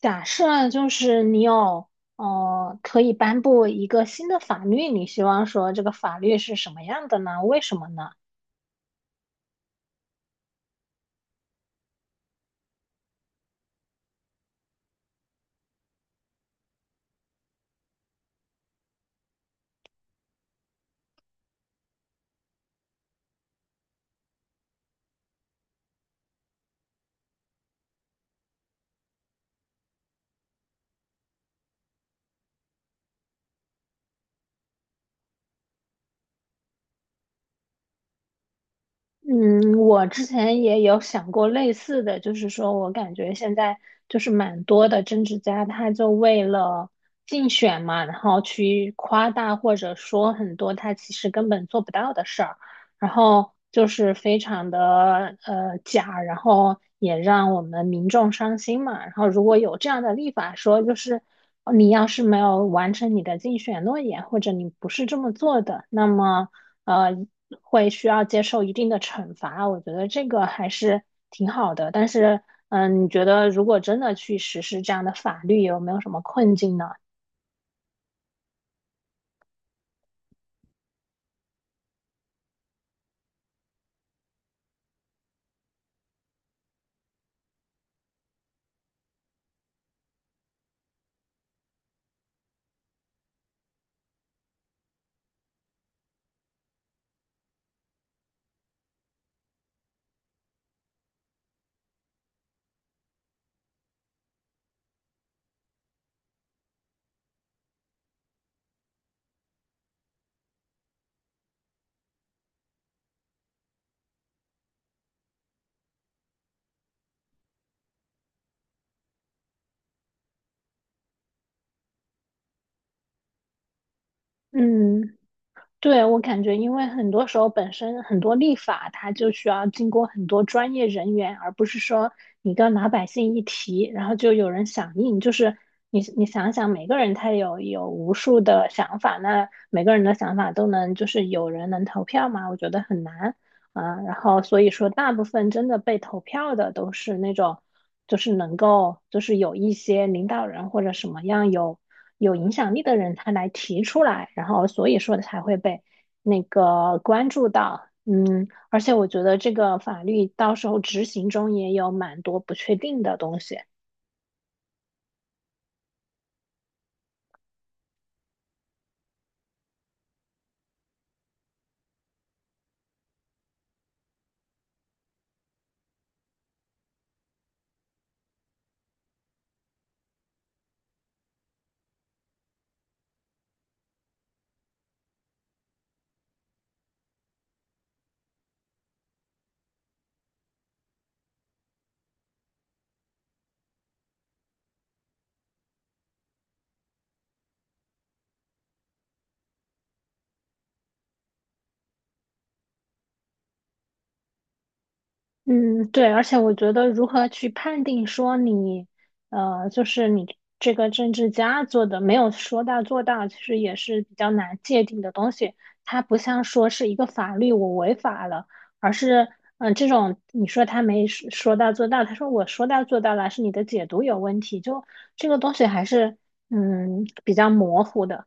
假设啊就是你有，可以颁布一个新的法律，你希望说这个法律是什么样的呢？为什么呢？嗯，我之前也有想过类似的，就是说我感觉现在就是蛮多的政治家，他就为了竞选嘛，然后去夸大或者说很多他其实根本做不到的事儿，然后就是非常的假，然后也让我们民众伤心嘛。然后如果有这样的立法说，就是你要是没有完成你的竞选诺言，或者你不是这么做的，那么，呃，会需要接受一定的惩罚，我觉得这个还是挺好的。但是，嗯，你觉得如果真的去实施这样的法律，有没有什么困境呢？嗯，对，我感觉，因为很多时候本身很多立法，它就需要经过很多专业人员，而不是说你跟老百姓一提，然后就有人响应。就是你想想，每个人他有无数的想法，那每个人的想法都能就是有人能投票吗？我觉得很难。嗯，然后所以说，大部分真的被投票的都是那种，就是能够，就是有一些领导人或者什么样有影响力的人，他来提出来，然后所以说才会被那个关注到。嗯，而且我觉得这个法律到时候执行中也有蛮多不确定的东西。嗯，对，而且我觉得如何去判定说你，就是你这个政治家做的没有说到做到，其实也是比较难界定的东西。它不像说是一个法律我违法了，而是，嗯、这种你说他没说说到做到，他说我说到做到了，是你的解读有问题，就这个东西还是，嗯，比较模糊的。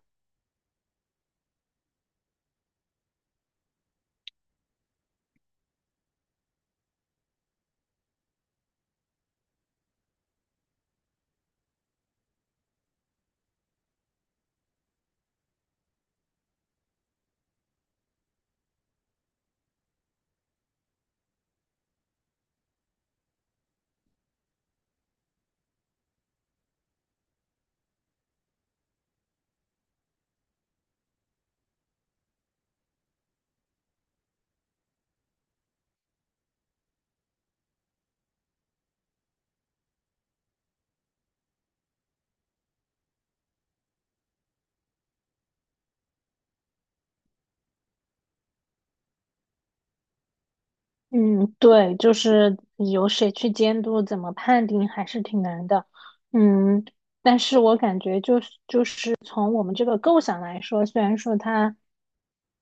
嗯，对，就是由谁去监督，怎么判定，还是挺难的。嗯，但是我感觉就是从我们这个构想来说，虽然说它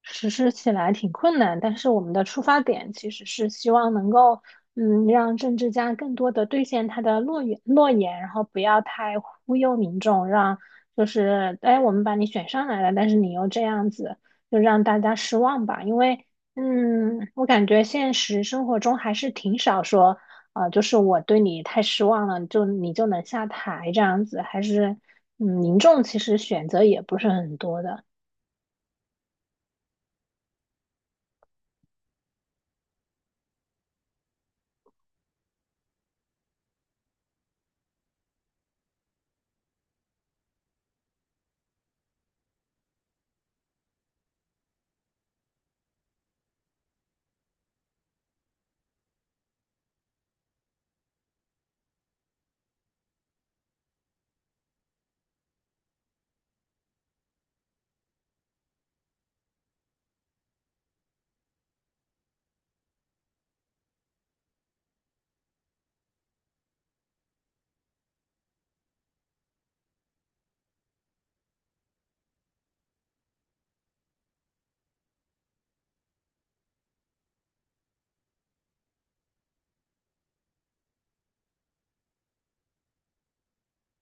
实施起来挺困难，但是我们的出发点其实是希望能够，嗯，让政治家更多的兑现他的诺言，然后不要太忽悠民众，让就是，哎，我们把你选上来了，但是你又这样子，就让大家失望吧。因为嗯，我感觉现实生活中还是挺少说，就是我对你太失望了，就你就能下台这样子，还是，嗯，民众其实选择也不是很多的。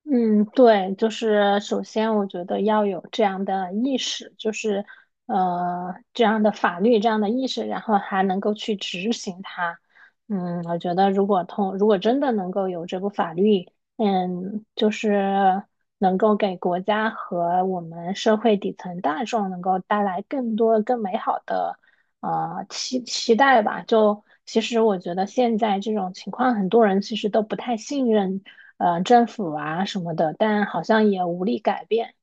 嗯，对，就是首先我觉得要有这样的意识，就是这样的法律这样的意识，然后还能够去执行它。嗯，我觉得如果真的能够有这部法律，嗯，就是能够给国家和我们社会底层大众能够带来更多更美好的期待吧。就其实我觉得现在这种情况，很多人其实都不太信任政府啊什么的，但好像也无力改变。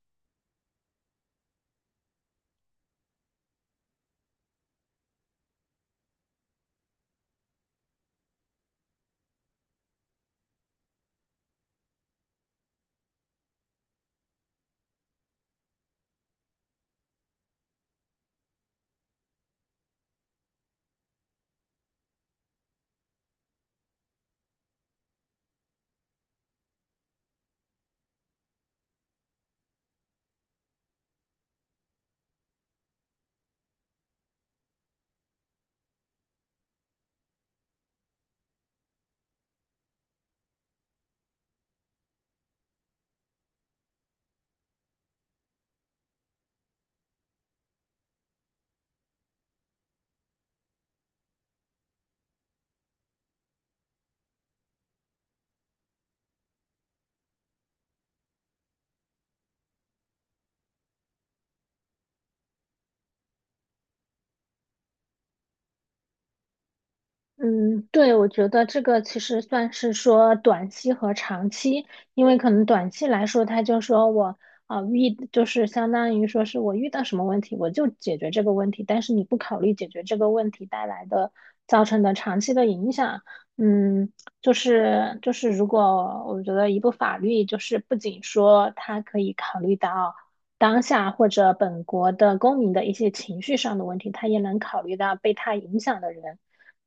嗯，对，我觉得这个其实算是说短期和长期，因为可能短期来说，他就说我啊、呃遇就是相当于说是我遇到什么问题，我就解决这个问题，但是你不考虑解决这个问题带来的造成的长期的影响，嗯，就是如果我觉得一部法律就是不仅说它可以考虑到当下或者本国的公民的一些情绪上的问题，它也能考虑到被它影响的人，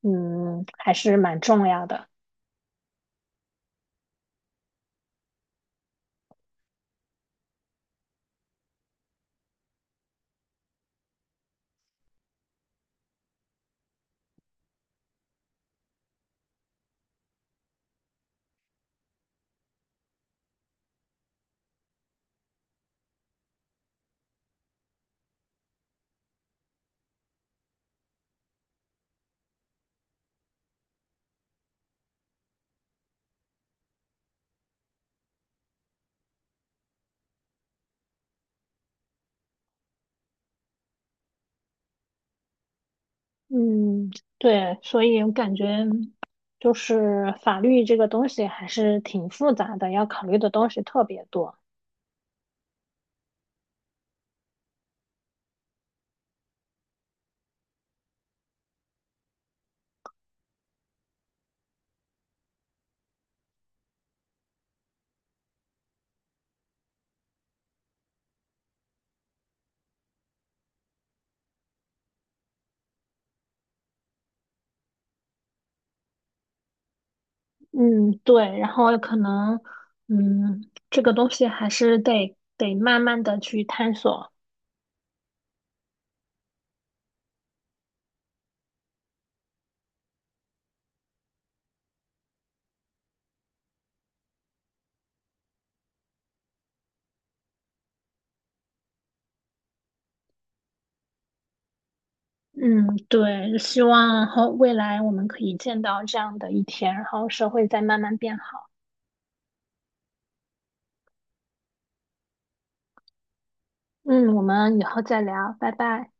嗯，还是蛮重要的。嗯，对，所以我感觉就是法律这个东西还是挺复杂的，要考虑的东西特别多。嗯，对，然后可能，嗯，这个东西还是得慢慢的去探索。嗯，对，希望后未来我们可以见到这样的一天，然后社会再慢慢变好。嗯，我们以后再聊，拜拜。